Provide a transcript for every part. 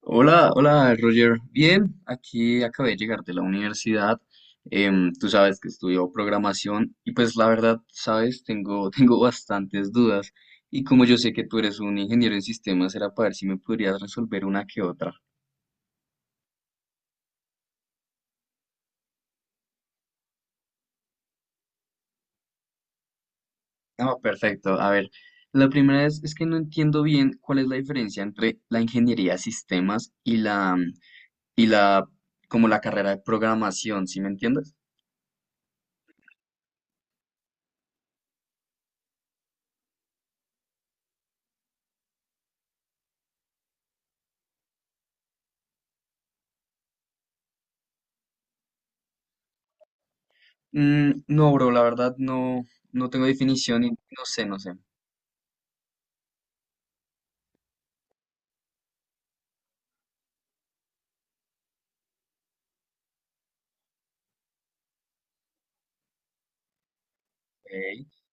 Hola, hola Roger. Bien, aquí acabé de llegar de la universidad. Tú sabes que estudio programación y pues la verdad, sabes, tengo, tengo bastantes dudas. Y como yo sé que tú eres un ingeniero en sistemas, era para ver si me podrías resolver una que otra. Ah, perfecto. A ver, la primera es que no entiendo bien cuál es la diferencia entre la ingeniería de sistemas y la como la carrera de programación, ¿sí me entiendes? Mm, no, bro, la verdad no, no tengo definición y no sé, no sé. Ok.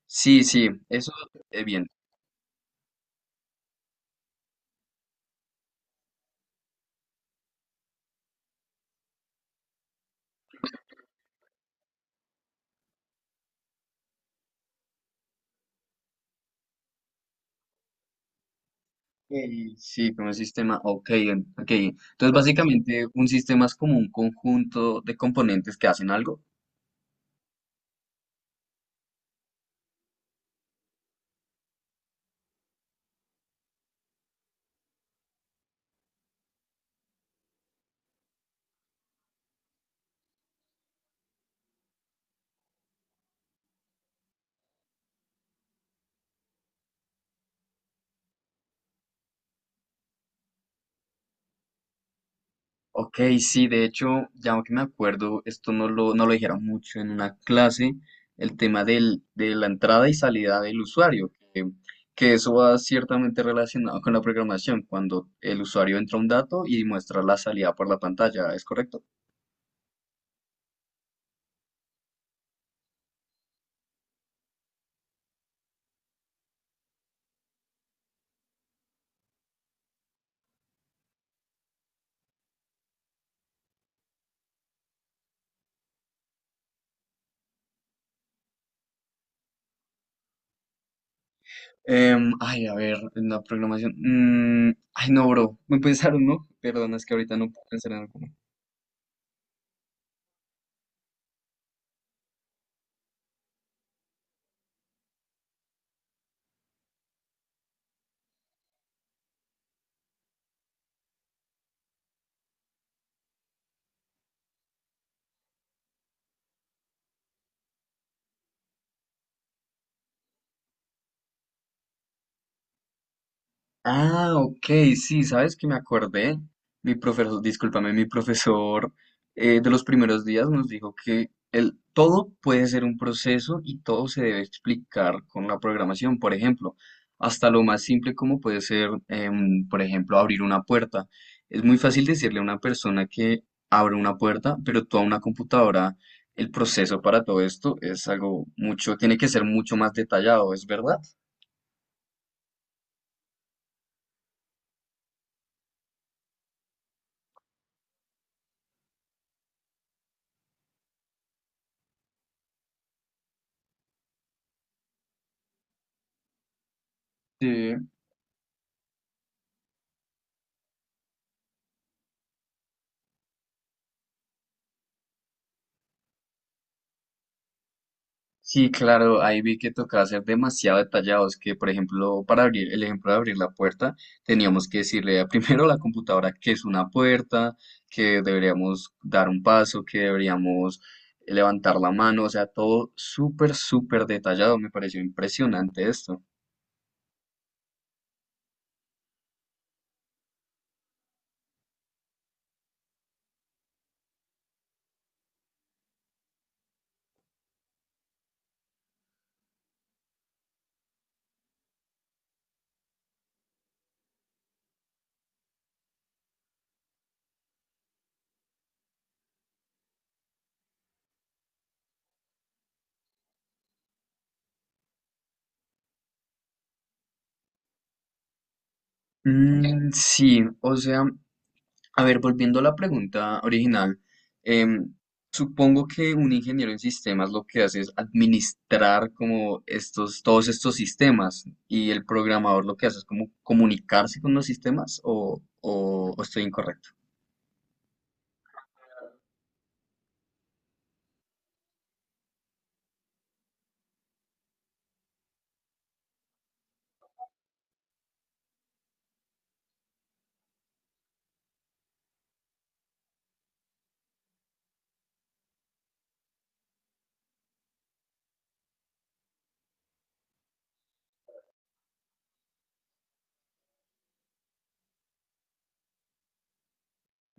Sí, sí, eso es bien. Ok, sí, como un sistema, ok, ok. Entonces, básicamente, un sistema es como un conjunto de componentes que hacen algo. Ok, sí, de hecho, ya que me acuerdo, esto no lo dijeron mucho en una clase, el tema de la entrada y salida del usuario, que eso va ciertamente relacionado con la programación, cuando el usuario entra a un dato y muestra la salida por la pantalla, ¿es correcto? Ay, a ver, en la programación. Ay, no, bro, me pensaron, ¿no? Perdón, es que ahorita no puedo pensar en algo. Ah, ok, sí, ¿sabes que me acordé? Mi profesor, discúlpame, mi profesor de los primeros días nos dijo que el, todo puede ser un proceso y todo se debe explicar con la programación, por ejemplo, hasta lo más simple como puede ser, por ejemplo, abrir una puerta. Es muy fácil decirle a una persona que abre una puerta, pero tú a una computadora, el proceso para todo esto es algo mucho, tiene que ser mucho más detallado, ¿es verdad? Sí. Sí, claro, ahí vi que tocaba ser demasiado detallados, que por ejemplo, para abrir el ejemplo de abrir la puerta, teníamos que decirle primero a la computadora que es una puerta, que deberíamos dar un paso, que deberíamos levantar la mano, o sea, todo súper, súper detallado, me pareció impresionante esto. Mm, sí, o sea, a ver, volviendo a la pregunta original, em, supongo que un ingeniero en sistemas lo que hace es administrar como estos, todos estos sistemas y el programador lo que hace es como comunicarse con los sistemas o estoy incorrecto.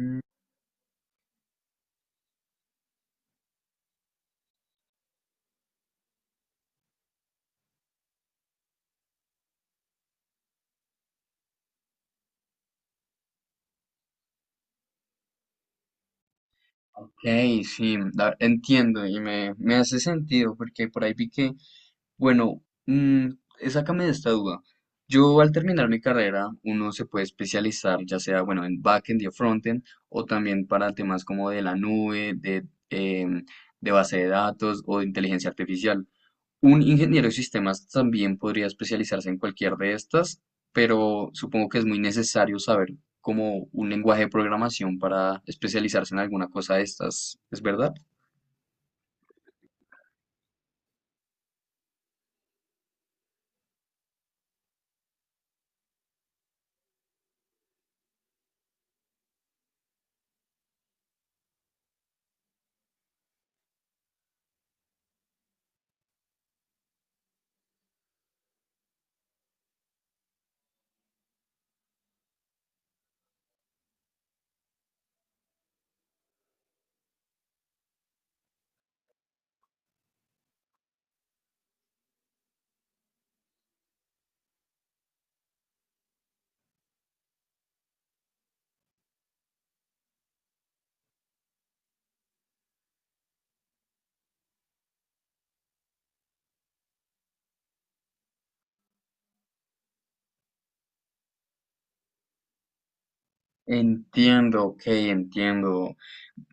Mm, ok, sí, entiendo y me hace sentido porque por ahí vi que bueno, sácame de esta duda. Yo al terminar mi carrera, uno se puede especializar, ya sea, bueno, en backend y frontend, o también para temas como de la nube, de, em, de base de datos o de inteligencia artificial. Un ingeniero de sistemas también podría especializarse en cualquier de estas, pero supongo que es muy necesario saber como un lenguaje de programación para especializarse en alguna cosa de estas. ¿Es verdad? Entiendo, ok, entiendo.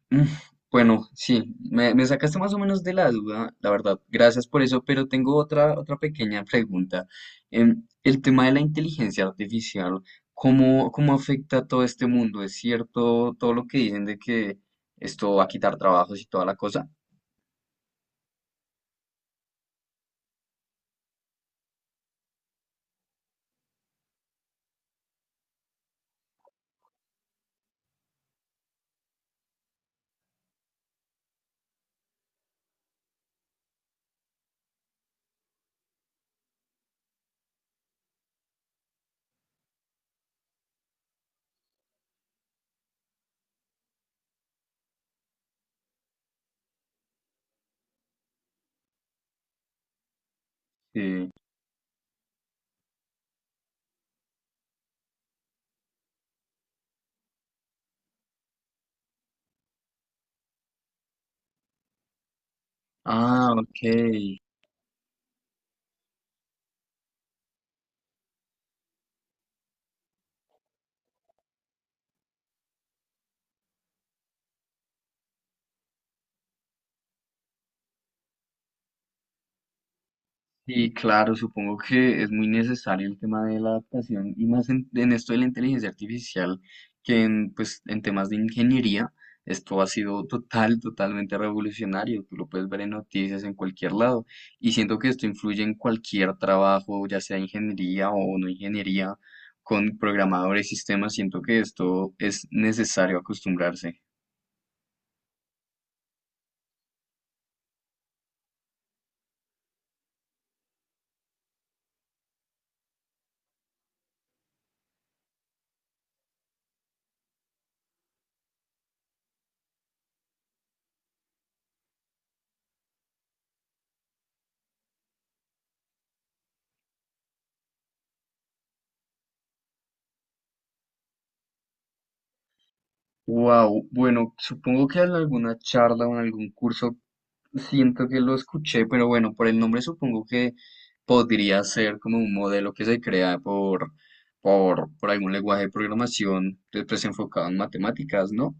Mm, bueno, sí, me sacaste más o menos de la duda, la verdad. Gracias por eso, pero tengo otra pequeña pregunta. El tema de la inteligencia artificial, ¿cómo, cómo afecta a todo este mundo? ¿Es cierto todo lo que dicen de que esto va a quitar trabajos y toda la cosa? Sí. Ah, ok. Y claro, supongo que es muy necesario el tema de la adaptación y más en esto de la inteligencia artificial que en, pues, en temas de ingeniería, esto ha sido total, totalmente revolucionario. Tú lo puedes ver en noticias en cualquier lado y siento que esto influye en cualquier trabajo, ya sea ingeniería o no ingeniería, con programadores y sistemas. Siento que esto es necesario acostumbrarse. Wow, bueno, supongo que en alguna charla o en algún curso siento que lo escuché, pero bueno, por el nombre supongo que podría ser como un modelo que se crea por algún lenguaje de programación después enfocado en matemáticas, ¿no?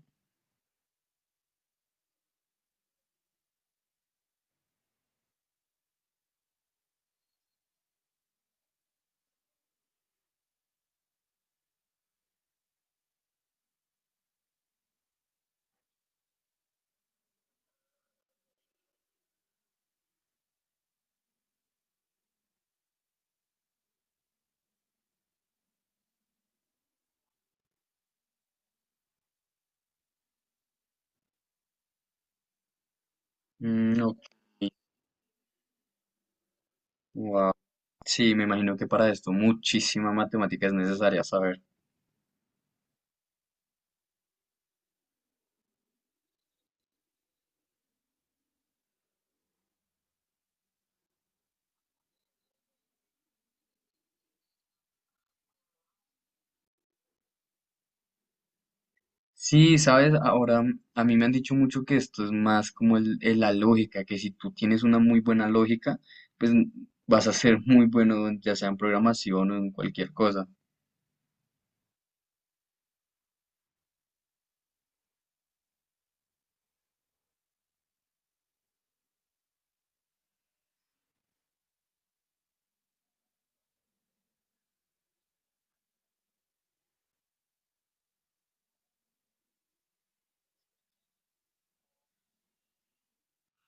Mm, ok, wow. Sí, me imagino que para esto muchísima matemática es necesaria saber. Sí, sabes, ahora a mí me han dicho mucho que esto es más como la lógica, que si tú tienes una muy buena lógica, pues vas a ser muy bueno, ya sea en programación o en cualquier cosa.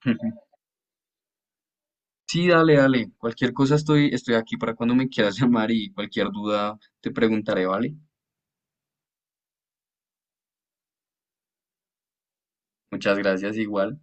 Sí, dale, dale. Cualquier cosa estoy aquí para cuando me quieras llamar y cualquier duda te preguntaré, ¿vale? Muchas gracias, igual.